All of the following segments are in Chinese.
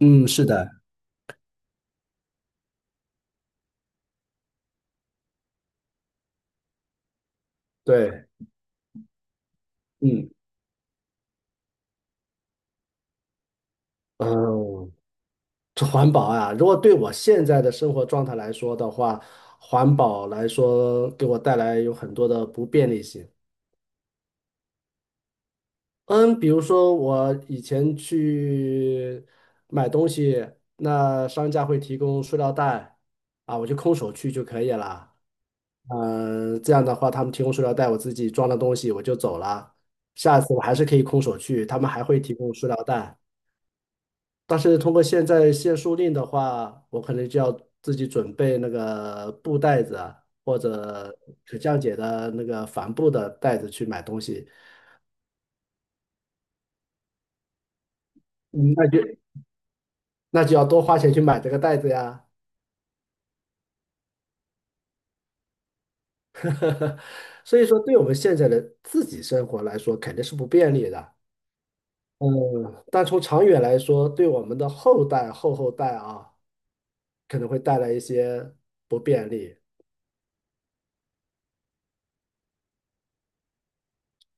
嗯，是的，对，嗯嗯，这环保啊，如果对我现在的生活状态来说的话，环保来说给我带来有很多的不便利性。嗯，比如说我以前去买东西，那商家会提供塑料袋，啊，我就空手去就可以了。嗯，这样的话，他们提供塑料袋，我自己装了东西我就走了。下次我还是可以空手去，他们还会提供塑料袋。但是通过现在限塑令的话，我可能就要自己准备那个布袋子啊，或者可降解的那个帆布的袋子去买东西，嗯那就那就要多花钱去买这个袋子呀。所以说，对我们现在的自己生活来说，肯定是不便利的。嗯，但从长远来说，对我们的后代、后代啊，可能会带来一些不便利。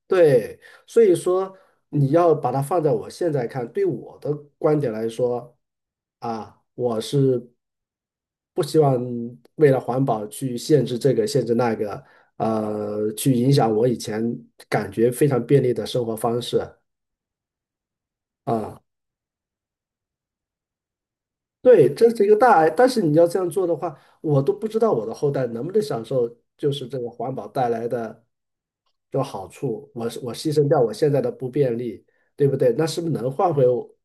对，所以说你要把它放在我现在看，对我的观点来说，啊，我是不希望为了环保去限制这个限制那个，去影响我以前感觉非常便利的生活方式啊。对，这是一个大爱，但是你要这样做的话，我都不知道我的后代能不能享受，就是这个环保带来的这个好处。我牺牲掉我现在的不便利，对不对？那是不是能换回我，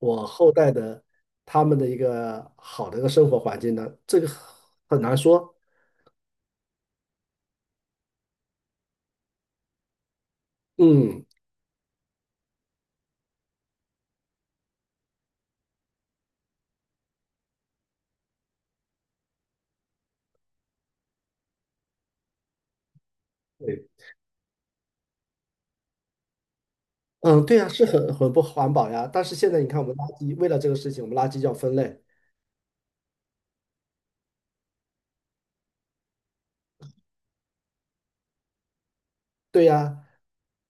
我后代的他们的一个好的一个生活环境呢？这个很难说。嗯，对，嗯，对呀，是很不环保呀。但是现在你看，我们垃圾为了这个事情，我们垃圾就要分类。对呀，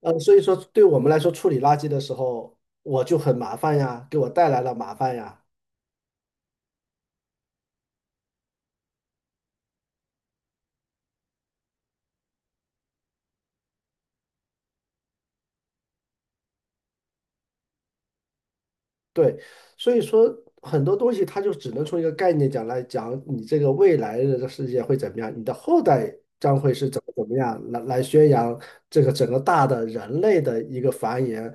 所以说对我们来说，处理垃圾的时候我就很麻烦呀，给我带来了麻烦呀。对，所以说很多东西它就只能从一个概念讲来讲，你这个未来的这个世界会怎么样，你的后代将会是怎么怎么样，来宣扬这个整个大的人类的一个繁衍，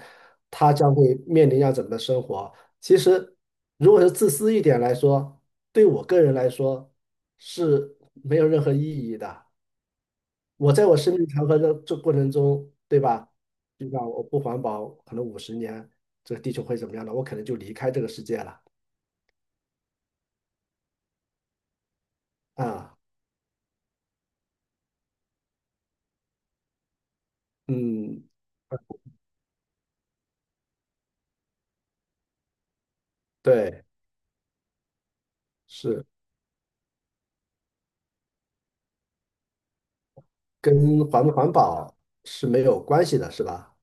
他将会面临要怎么的生活。其实，如果是自私一点来说，对我个人来说是没有任何意义的。我在我生命长河的这过程中，对吧？就像我不环保，可能50年，这个地球会怎么样呢？我可能就离开这个世界了啊。嗯，对，是跟环不环保是没有关系的，是吧？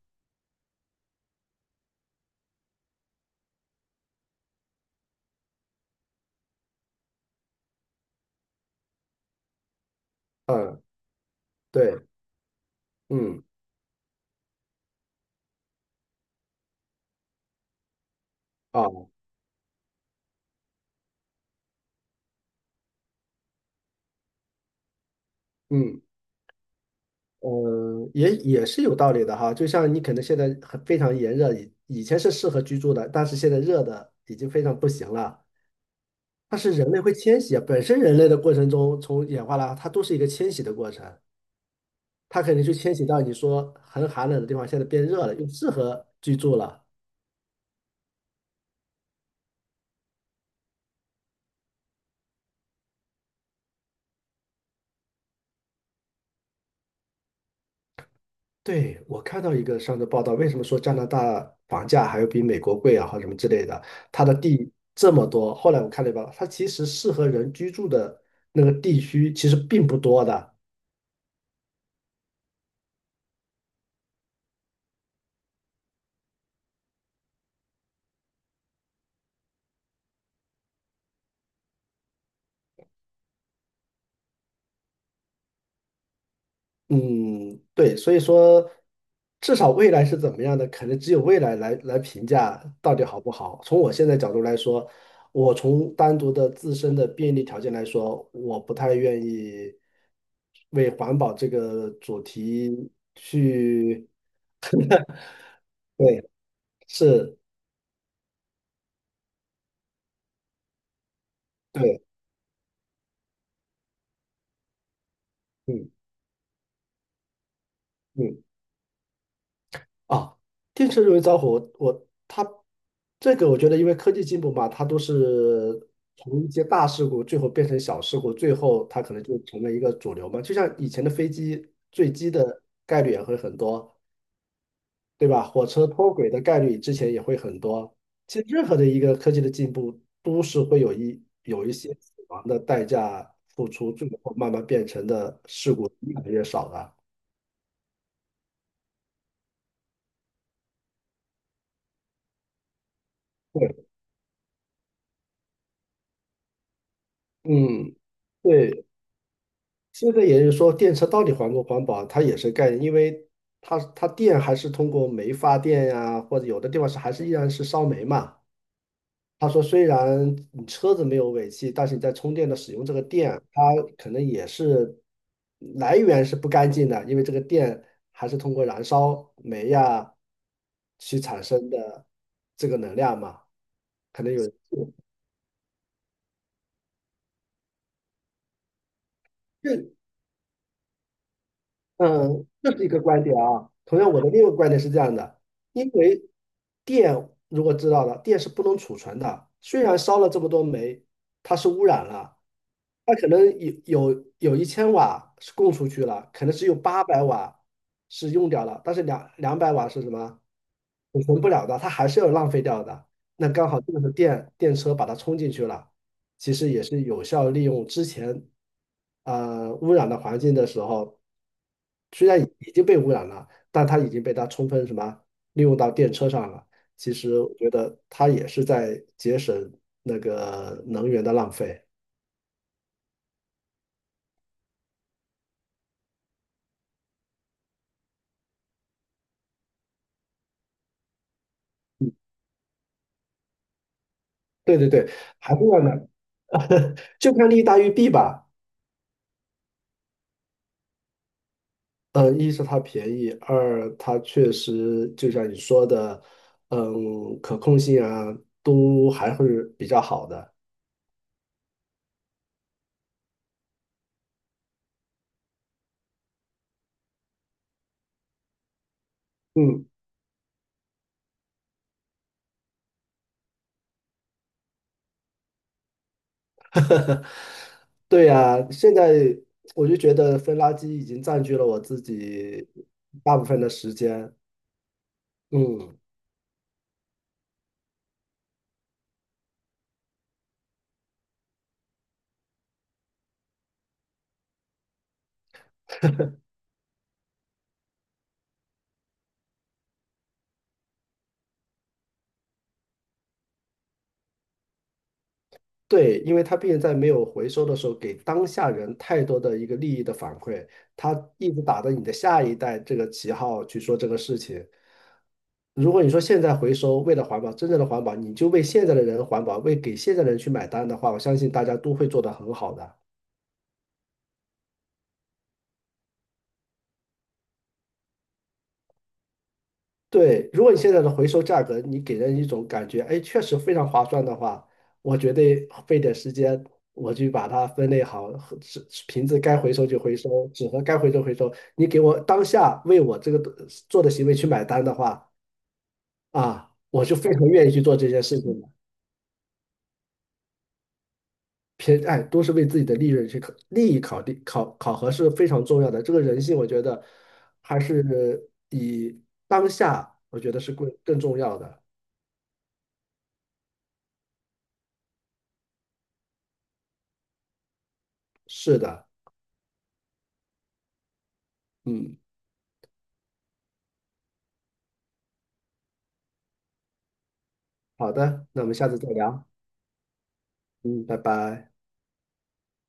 嗯，对，嗯，啊，嗯，也是有道理的哈。就像你可能现在很非常炎热，以前是适合居住的，但是现在热的已经非常不行了。它是人类会迁徙啊，本身人类的过程中，从演化来，它都是一个迁徙的过程。它肯定就迁徙到你说很寒冷的地方，现在变热了，又适合居住了。对，我看到一个上的报道，为什么说加拿大房价还有比美国贵啊，或者什么之类的？它的地这么多，后来我看了一报道，它其实适合人居住的那个地区其实并不多的。嗯，对，所以说，至少未来是怎么样的，可能只有未来来评价到底好不好。从我现在角度来说，我从单独的自身的便利条件来说，我不太愿意为环保这个主题去，对，是，对，嗯嗯。啊，电车容易着火，我他它这个我觉得，因为科技进步嘛，它都是从一些大事故最后变成小事故，最后它可能就成为一个主流嘛。就像以前的飞机坠机的概率也会很多，对吧？火车脱轨的概率之前也会很多。其实任何的一个科技的进步，都是会有一些死亡的代价付出，最后慢慢变成的事故越来越少了。对，嗯，对，现在也就是说，电车到底环不环保，它也是概念，因为它电还是通过煤发电呀、或者有的地方是还是依然是烧煤嘛。他说，虽然你车子没有尾气，但是你在充电的使用这个电，它可能也是来源是不干净的，因为这个电还是通过燃烧煤呀去产生的这个能量嘛，可能有。嗯，这是一个观点啊。同样，我的另一个观点是这样的：因为电如果知道了，电是不能储存的。虽然烧了这么多煤，它是污染了，它可能有有1000瓦是供出去了，可能只有800瓦是用掉了，但是两百瓦是什么？补存不了的，它还是要浪费掉的。那刚好这个时候电车把它冲进去了，其实也是有效利用之前污染的环境的时候，虽然已经被污染了，但它已经被它充分什么利用到电车上了。其实我觉得它也是在节省那个能源的浪费。对对对，还是要呢，就看利大于弊吧。嗯，一是它便宜，二它确实就像你说的，嗯，可控性啊都还是比较好的。嗯，对呀，现在我就觉得分垃圾已经占据了我自己大部分的时间。嗯，对，因为它毕竟在没有回收的时候，给当下人太多的一个利益的反馈，它一直打着你的下一代这个旗号去说这个事情。如果你说现在回收，为了环保，真正的环保，你就为现在的人环保，为给现在的人去买单的话，我相信大家都会做得很好的。对，如果你现在的回收价格，你给人一种感觉，哎，确实非常划算的话，我绝对费点时间，我去把它分类好，纸瓶子该回收就回收，纸盒该回收回收。你给我当下为我这个做的行为去买单的话，啊，我就非常愿意去做这件事情的。偏，哎，都是为自己的利润去考，利益考虑考核是非常重要的。这个人性，我觉得还是以当下，我觉得是更重要的。是的，嗯。好的，那我们下次再聊。嗯，拜拜。